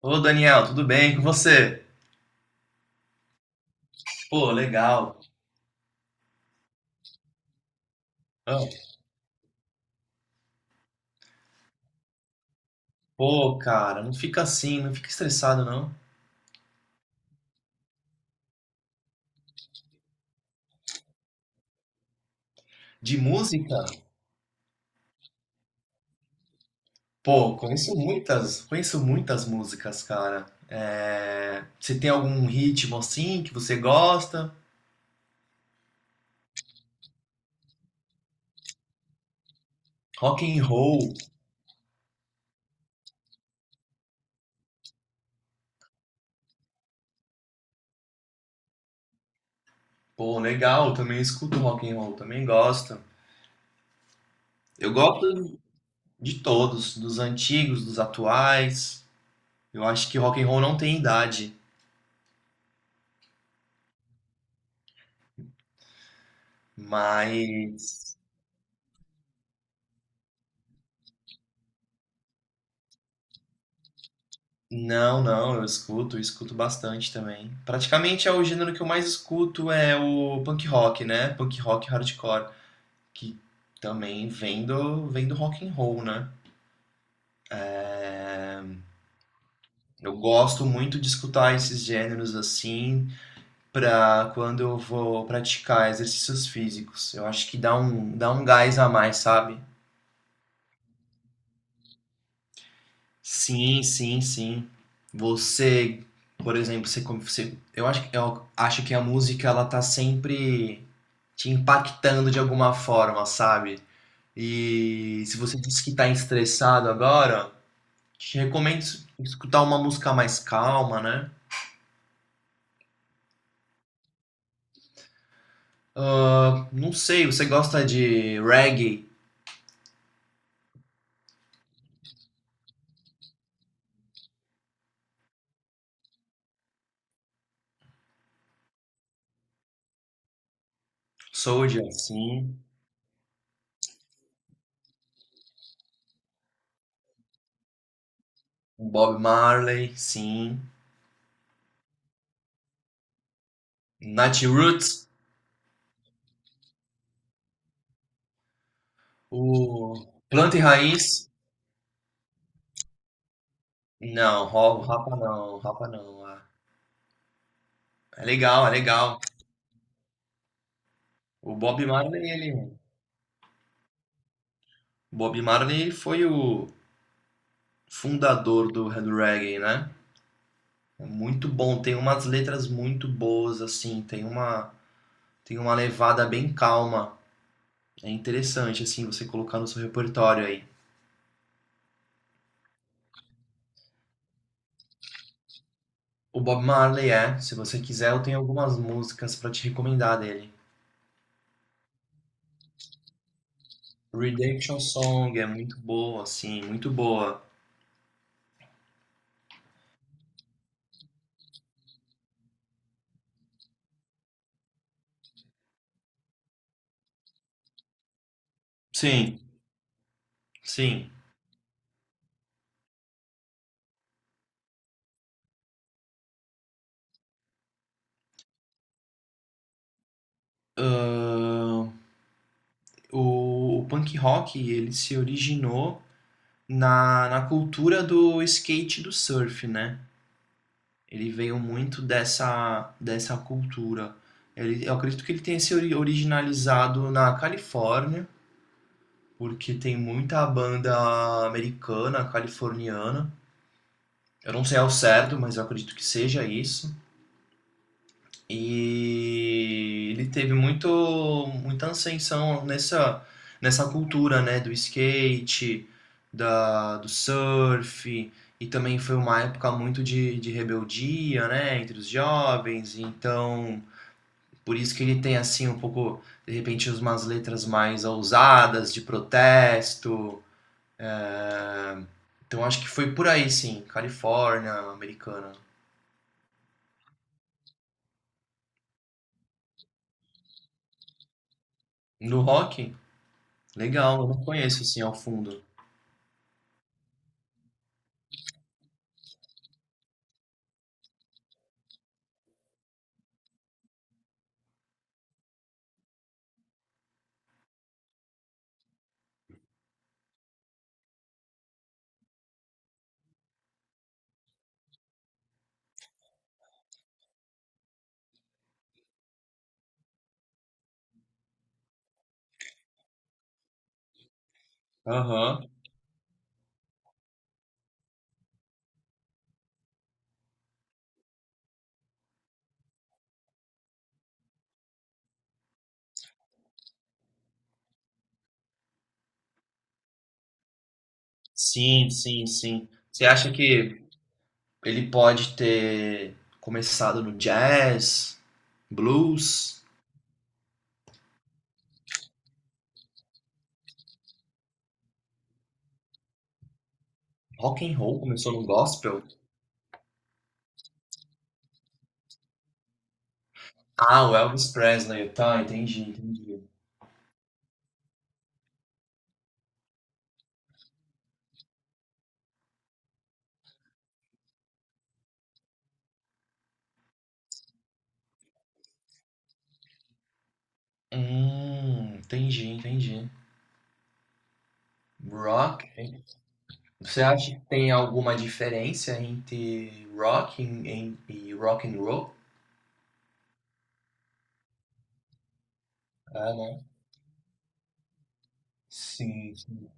Ô Daniel, tudo bem com você? Pô, legal. Ah, Pô, cara, não fica assim, não fica estressado não. De música? Pô, conheço muitas músicas, cara. Você tem algum ritmo assim que você gosta? Rock and roll. Pô, legal, também escuto rock and roll, também gosto. Eu gosto de todos, dos antigos, dos atuais. Eu acho que rock and roll não tem idade, mas não, não, eu escuto bastante também. Praticamente é o gênero que eu mais escuto é o punk rock, né? Punk rock hardcore, que também vem do rock and roll, né? Eu gosto muito de escutar esses gêneros assim pra quando eu vou praticar exercícios físicos. Eu acho que dá um gás a mais, sabe? Sim, sim, sim. Você, por exemplo, você eu acho, eu acho que a música ela tá sempre te impactando de alguma forma, sabe? E se você disse que tá estressado agora, te recomendo escutar uma música mais calma, né? Ah, não sei, você gosta de reggae. Soulja, sim. Bob Marley, sim. Nat Roots, o Planta e Raiz, não, Rapa não, Rapa não. Ah. É legal, é legal. O Bob Marley, ele, Bob Marley foi o fundador do reggae, né? É muito bom, tem umas letras muito boas, assim, tem uma levada bem calma. É interessante, assim, você colocar no seu repertório aí. O Bob Marley é, se você quiser, eu tenho algumas músicas pra te recomendar dele. Redemption Song é muito boa, assim, muito boa. Sim, sim. Ahn, o punk rock, ele se originou na cultura do skate e do surf, né? Ele veio muito dessa cultura. Ele, eu acredito que ele tenha se originalizado na Califórnia, porque tem muita banda americana, californiana. Eu não sei ao certo, mas eu acredito que seja isso. E ele teve muito, muita ascensão nessa cultura, né? Do skate, do surf. E também foi uma época muito de rebeldia, né? Entre os jovens. Então, por isso que ele tem, assim, um pouco, de repente, umas letras mais ousadas, de protesto. Então acho que foi por aí, sim. Califórnia, americana. No rock, legal, eu não conheço, assim, ao fundo. Aham. Sim, sim, sim. Você acha que ele pode ter começado no jazz, blues, rock and roll, começou no gospel? Ah, o Elvis Presley, tá, entendi, entendi. Entendi, entendi. Rock? Você acha que tem alguma diferença entre rock e rock and roll? É, né? Sim, sim.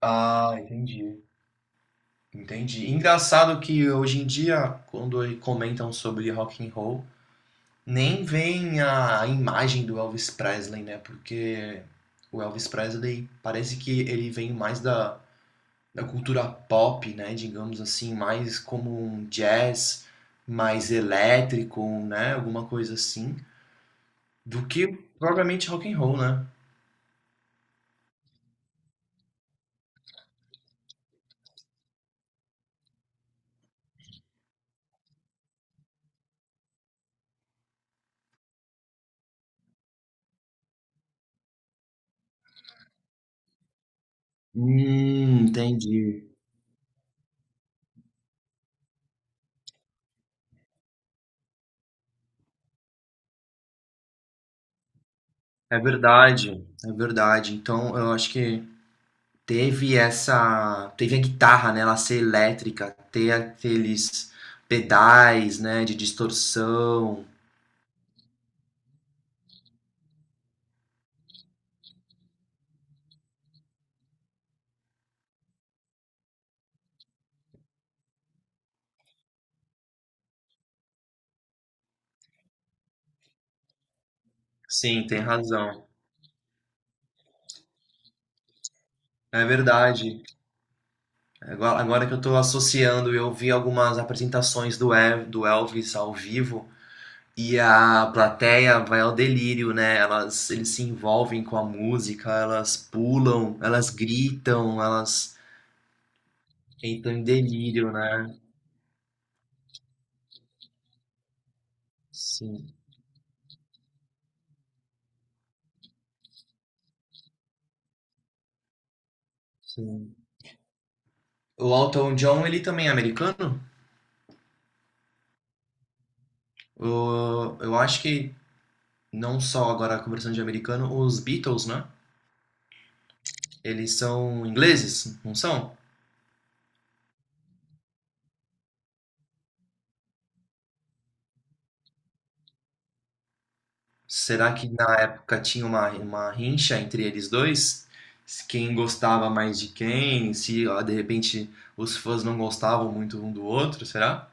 Ah, entendi. Entendi. Engraçado que hoje em dia, quando aí comentam sobre rock and roll, nem vem a imagem do Elvis Presley, né? Porque o Elvis Presley parece que ele vem mais da cultura pop, né? Digamos assim, mais como um jazz mais elétrico, né? Alguma coisa assim. Do que propriamente rock and roll, né? Entendi. É verdade, é verdade. Então, eu acho que teve essa, teve a guitarra, né, ela ser elétrica, ter aqueles pedais, né, de distorção. Sim, tem razão. É verdade. Agora, agora que eu tô associando, eu vi algumas apresentações do Elvis ao vivo. E a plateia vai ao delírio, né? Elas, eles se envolvem com a música, elas pulam, elas gritam, elas entram em delírio, né? Sim, sim. O Elton John, ele também é americano? Eu acho que não, só agora conversando de americano, os Beatles, né? Eles são ingleses, não são? Será que na época tinha uma rincha entre eles dois? Se quem gostava mais de quem? Se ó, de repente os fãs não gostavam muito um do outro, será?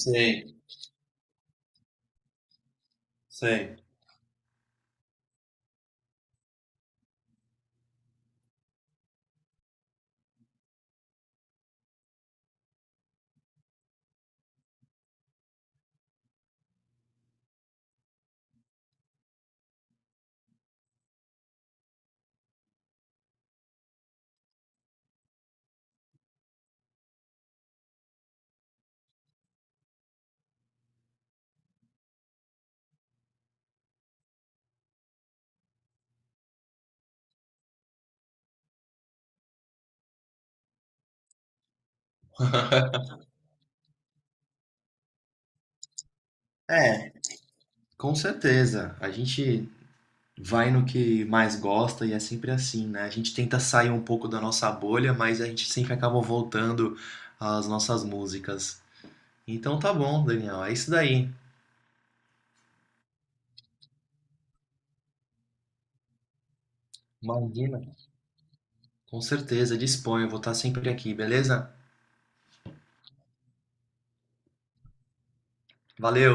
Sei, sei. É, com certeza. A gente vai no que mais gosta e é sempre assim, né? A gente tenta sair um pouco da nossa bolha, mas a gente sempre acaba voltando às nossas músicas. Então tá bom, Daniel. É isso daí. Imagina. Com certeza, disponho. Vou estar sempre aqui, beleza? Valeu!